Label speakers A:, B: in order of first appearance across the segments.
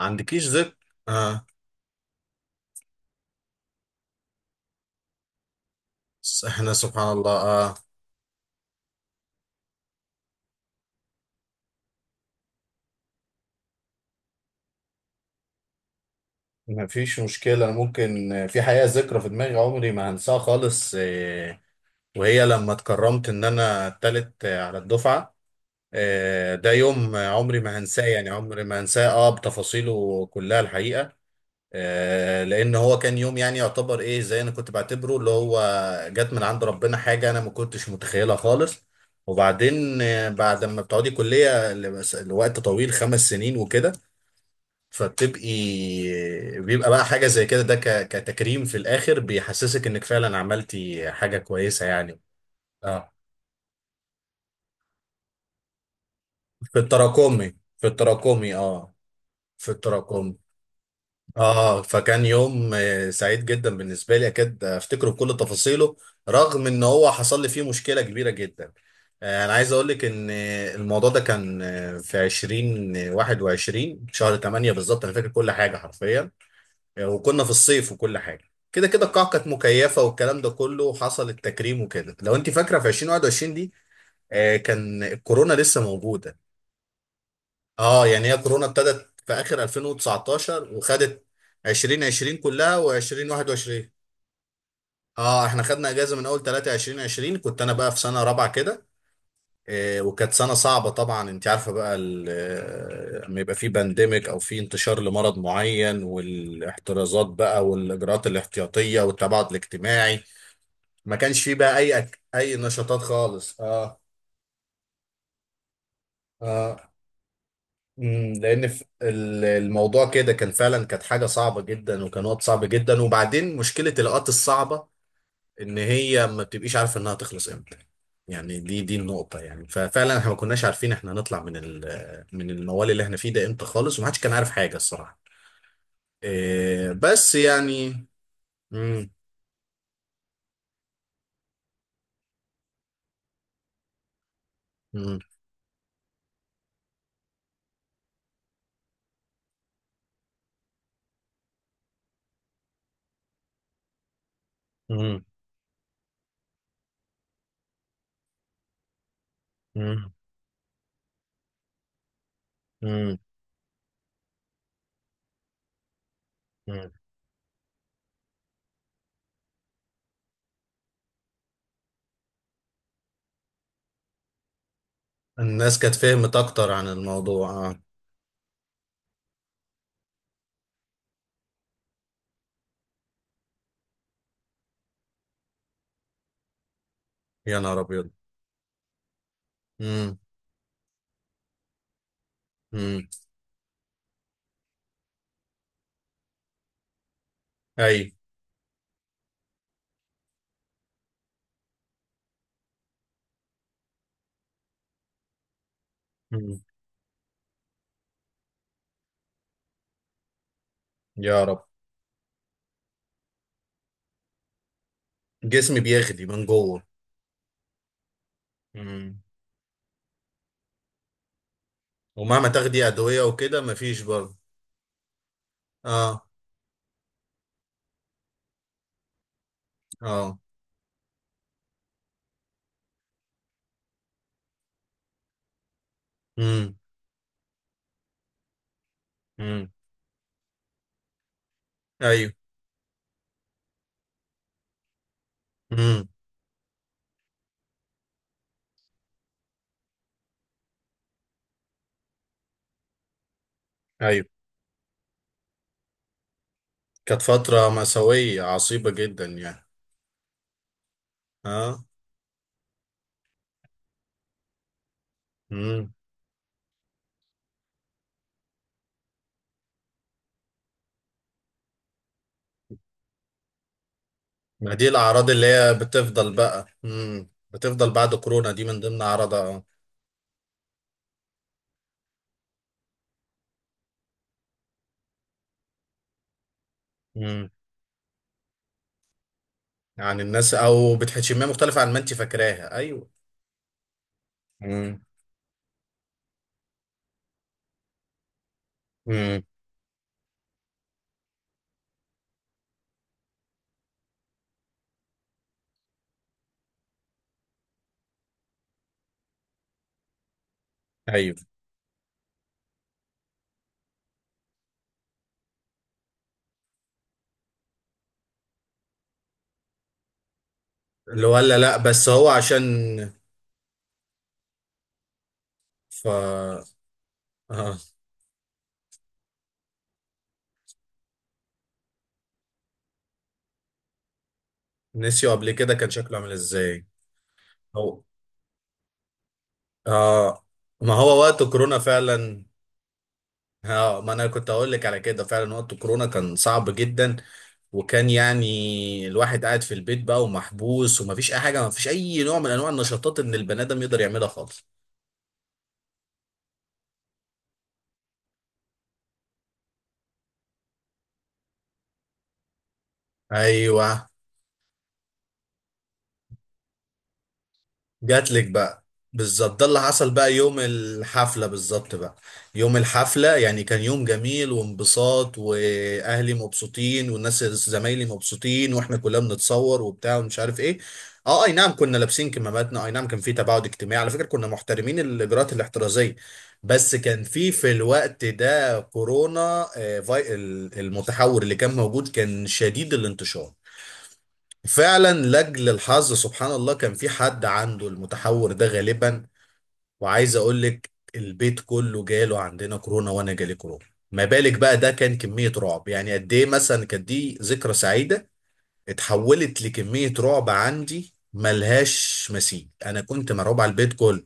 A: عندكيش ذكر اه بس احنا سبحان الله. اه مفيش مشكلة، ممكن في حقيقة ذكرى في دماغي عمري ما هنساها خالص، وهي لما اتكرمت ان انا التالت على الدفعة. ده يوم عمري ما هنساه، يعني عمري ما هنساه بتفاصيله كلها الحقيقة، لان هو كان يوم، يعني يعتبر ايه، زي انا كنت بعتبره اللي هو جت من عند ربنا حاجة انا ما كنتش متخيلها خالص. وبعدين، بعد ما بتقعدي كلية لوقت طويل، 5 سنين وكده، فبتبقي بيبقى بقى حاجة زي كده، كتكريم في الآخر بيحسسك إنك فعلا عملتي حاجة كويسة يعني. اه في التراكمي، في التراكمي اه. فكان يوم سعيد جدا بالنسبة لي، أكيد أفتكره بكل تفاصيله رغم إن هو حصل لي فيه مشكلة كبيرة جدا. أنا عايز أقول لك إن الموضوع ده كان في 2021 شهر 8 بالظبط، أنا فاكر كل حاجة حرفيا يعني. وكنا في الصيف وكل حاجه كده كده، القاعه كانت مكيفه والكلام ده كله، وحصل التكريم وكده. لو انت فاكره في 2021 دي كان الكورونا لسه موجوده. اه، يعني هي كورونا ابتدت في اخر 2019 وخدت 2020 كلها و2021. اه، احنا خدنا اجازه من اول 3 2020، كنت انا بقى في سنه رابعه كده. وكانت سنة صعبة طبعا، انت عارفة بقى لما يبقى في بانديميك او في انتشار لمرض معين، والاحترازات بقى والاجراءات الاحتياطية والتباعد الاجتماعي. ما كانش في بقى اي نشاطات خالص اه. اه، لان في الموضوع كده، كان فعلا كانت حاجة صعبة جدا وكان وقت صعب جدا، وبعدين مشكلة الاوقات الصعبة ان هي ما بتبقيش عارفه انها تخلص امتى. يعني دي النقطه يعني. ففعلا احنا ما كناش عارفين احنا هنطلع من من الموال اللي احنا فيه ده امتى خالص، ومحدش كان عارف حاجه الصراحه. إيه، بس يعني. مم مم مم مم مم مم. الناس كانت فهمت اكتر عن الموضوع اه. يا نهار ابيض. مم مم اي. مم. يا رب، جسمي بيغلي من جوه. مم. ومهما تاخدي ادويه وكده مفيش برضه. اه. اه. مم مم ايوه. امم. ايوه، كانت فترة مأساوية عصيبة جدا يعني. ها. امم. ما دي الأعراض اللي هي بتفضل بقى، امم، بتفضل بعد كورونا دي من ضمن أعراضها. امم. يعني الناس أو بتحشمها مختلفة عن ما أنت فاكراها، أيوه. امم. امم. أيوه، اللي ولا لا بس هو عشان ف آه. نسيوا قبل كده كان شكله عامل إزاي. هو آه، ما هو وقت كورونا فعلا. اه، ما انا كنت اقول لك على كده. فعلا وقت كورونا كان صعب جدا، وكان يعني الواحد قاعد في البيت بقى ومحبوس، ومفيش اي حاجه، مفيش اي نوع من انواع النشاطات ان البني ادم يقدر يعملها خالص. ايوه. جاتلك بقى. بالظبط، ده اللي حصل بقى يوم الحفلة بالظبط بقى. يوم الحفلة يعني كان يوم جميل، وانبساط، وأهلي مبسوطين والناس زمايلي مبسوطين، واحنا كلنا بنتصور وبتاع ومش عارف ايه. اه، اي نعم كنا لابسين كماماتنا، اي نعم كان في تباعد اجتماعي، على فكرة كنا محترمين الإجراءات الاحترازية. بس كان في الوقت ده كورونا المتحور اللي كان موجود كان شديد الانتشار. فعلا لاجل الحظ سبحان الله كان في حد عنده المتحور ده غالبا. وعايز اقول لك البيت كله جاله عندنا كورونا، وانا جالي كورونا. ما بالك بقى، ده كان كمية رعب. يعني قد ايه مثلا كانت دي ذكرى سعيدة اتحولت لكمية رعب عندي ملهاش مثيل. انا كنت مرعوب على البيت كله،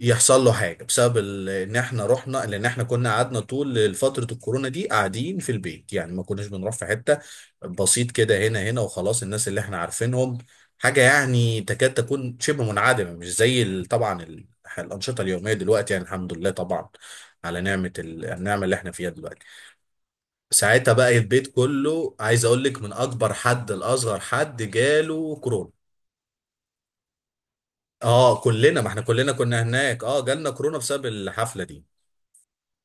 A: يحصل له حاجة بسبب ان احنا رحنا، لان احنا كنا قعدنا طول فترة الكورونا دي قاعدين في البيت، يعني ما كناش بنروح في حتة. بسيط كده، هنا وخلاص الناس اللي احنا عارفينهم، حاجة يعني تكاد تكون شبه منعدمة، مش زي الأنشطة اليومية دلوقتي يعني، الحمد لله طبعا على نعمة النعمة اللي احنا فيها دلوقتي. ساعتها بقى البيت كله، عايز اقول لك، من اكبر حد لاصغر حد جاله كورونا. اه كلنا، ما احنا كلنا كنا هناك، اه جالنا كورونا بسبب الحفلة دي.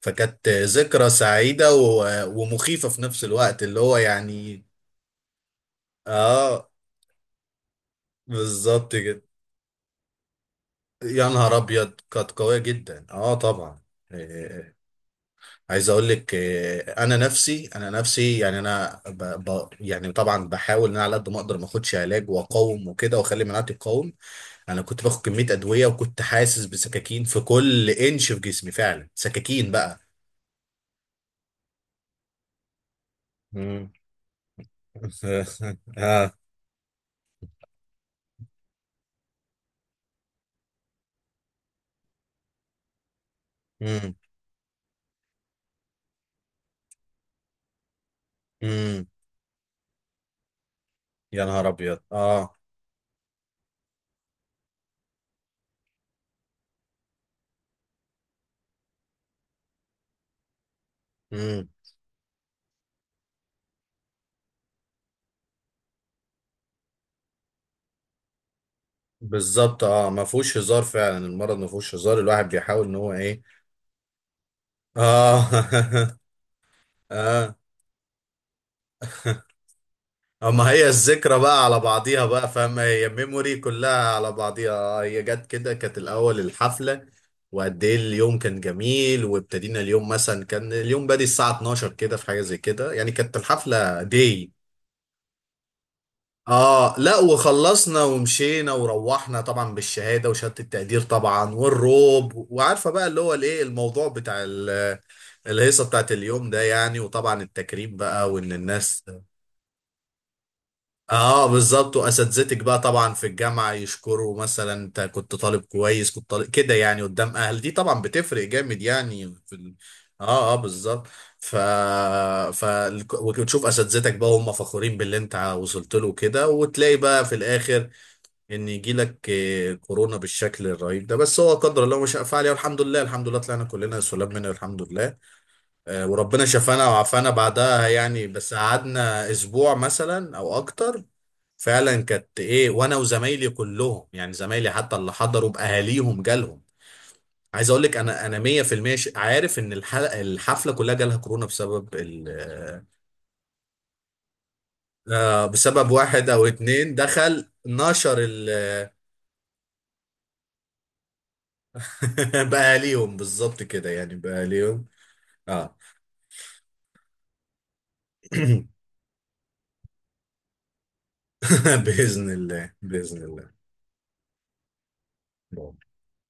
A: فكانت ذكرى سعيدة ومخيفة في نفس الوقت اللي هو يعني. اه بالظبط كده. يا نهار ابيض، كانت قوية جدا اه طبعا. آه، عايز اقول لك انا نفسي يعني، انا ب ب يعني طبعا بحاول ان انا على قد ما اقدر ما اخدش علاج، واقاوم وكده، واخلي مناعتي تقاوم. انا كنت باخد كمية ادوية وكنت حاسس بسكاكين في كل انش في جسمي، فعلا سكاكين بقى. مم. اه. مم. مم. يا نهار ابيض اه. امم. بالظبط اه، ما فيهوش هزار، فعلا المرض ما فيهوش هزار، الواحد بيحاول ان هو ايه. اه اه. اما هي الذكرى بقى على بعضيها بقى، فاهمة، هي ميموري كلها على بعضيها. هي جت كده، كانت الاول الحفلة وقد ايه اليوم كان جميل، وابتدينا اليوم مثلا، كان اليوم بادي الساعة 12 كده، في حاجة زي كده يعني، كانت الحفلة داي. اه لا، وخلصنا ومشينا وروحنا طبعا بالشهاده وشهاده التقدير طبعا والروب، وعارفه بقى اللي هو الايه، الموضوع بتاع الهيصه بتاعت اليوم ده يعني، وطبعا التكريم بقى، وان الناس. اه بالظبط، واساتذتك بقى طبعا في الجامعه يشكروا، مثلا انت كنت طالب كويس، كنت طالب كده يعني، قدام اهل دي طبعا بتفرق جامد يعني في ال... اه اه بالظبط. ف ف وتشوف اساتذتك بقى هم فخورين باللي انت وصلت له كده، وتلاقي بقى في الاخر ان يجي لك كورونا بالشكل الرهيب ده. بس هو قدر الله ما شاء فعل، والحمد لله الحمد لله طلعنا كلنا سلام منه الحمد لله. وربنا شفانا وعافانا بعدها يعني، بس قعدنا اسبوع مثلا او اكتر. فعلا كانت ايه، وانا وزمايلي كلهم يعني، زمايلي حتى اللي حضروا باهاليهم جالهم. عايز اقول لك انا 100% عارف ان الحفله كلها جالها كورونا بسبب بسبب واحد او اتنين دخل نشر باهاليهم بالظبط كده يعني باهاليهم. اه باذن الله باذن الله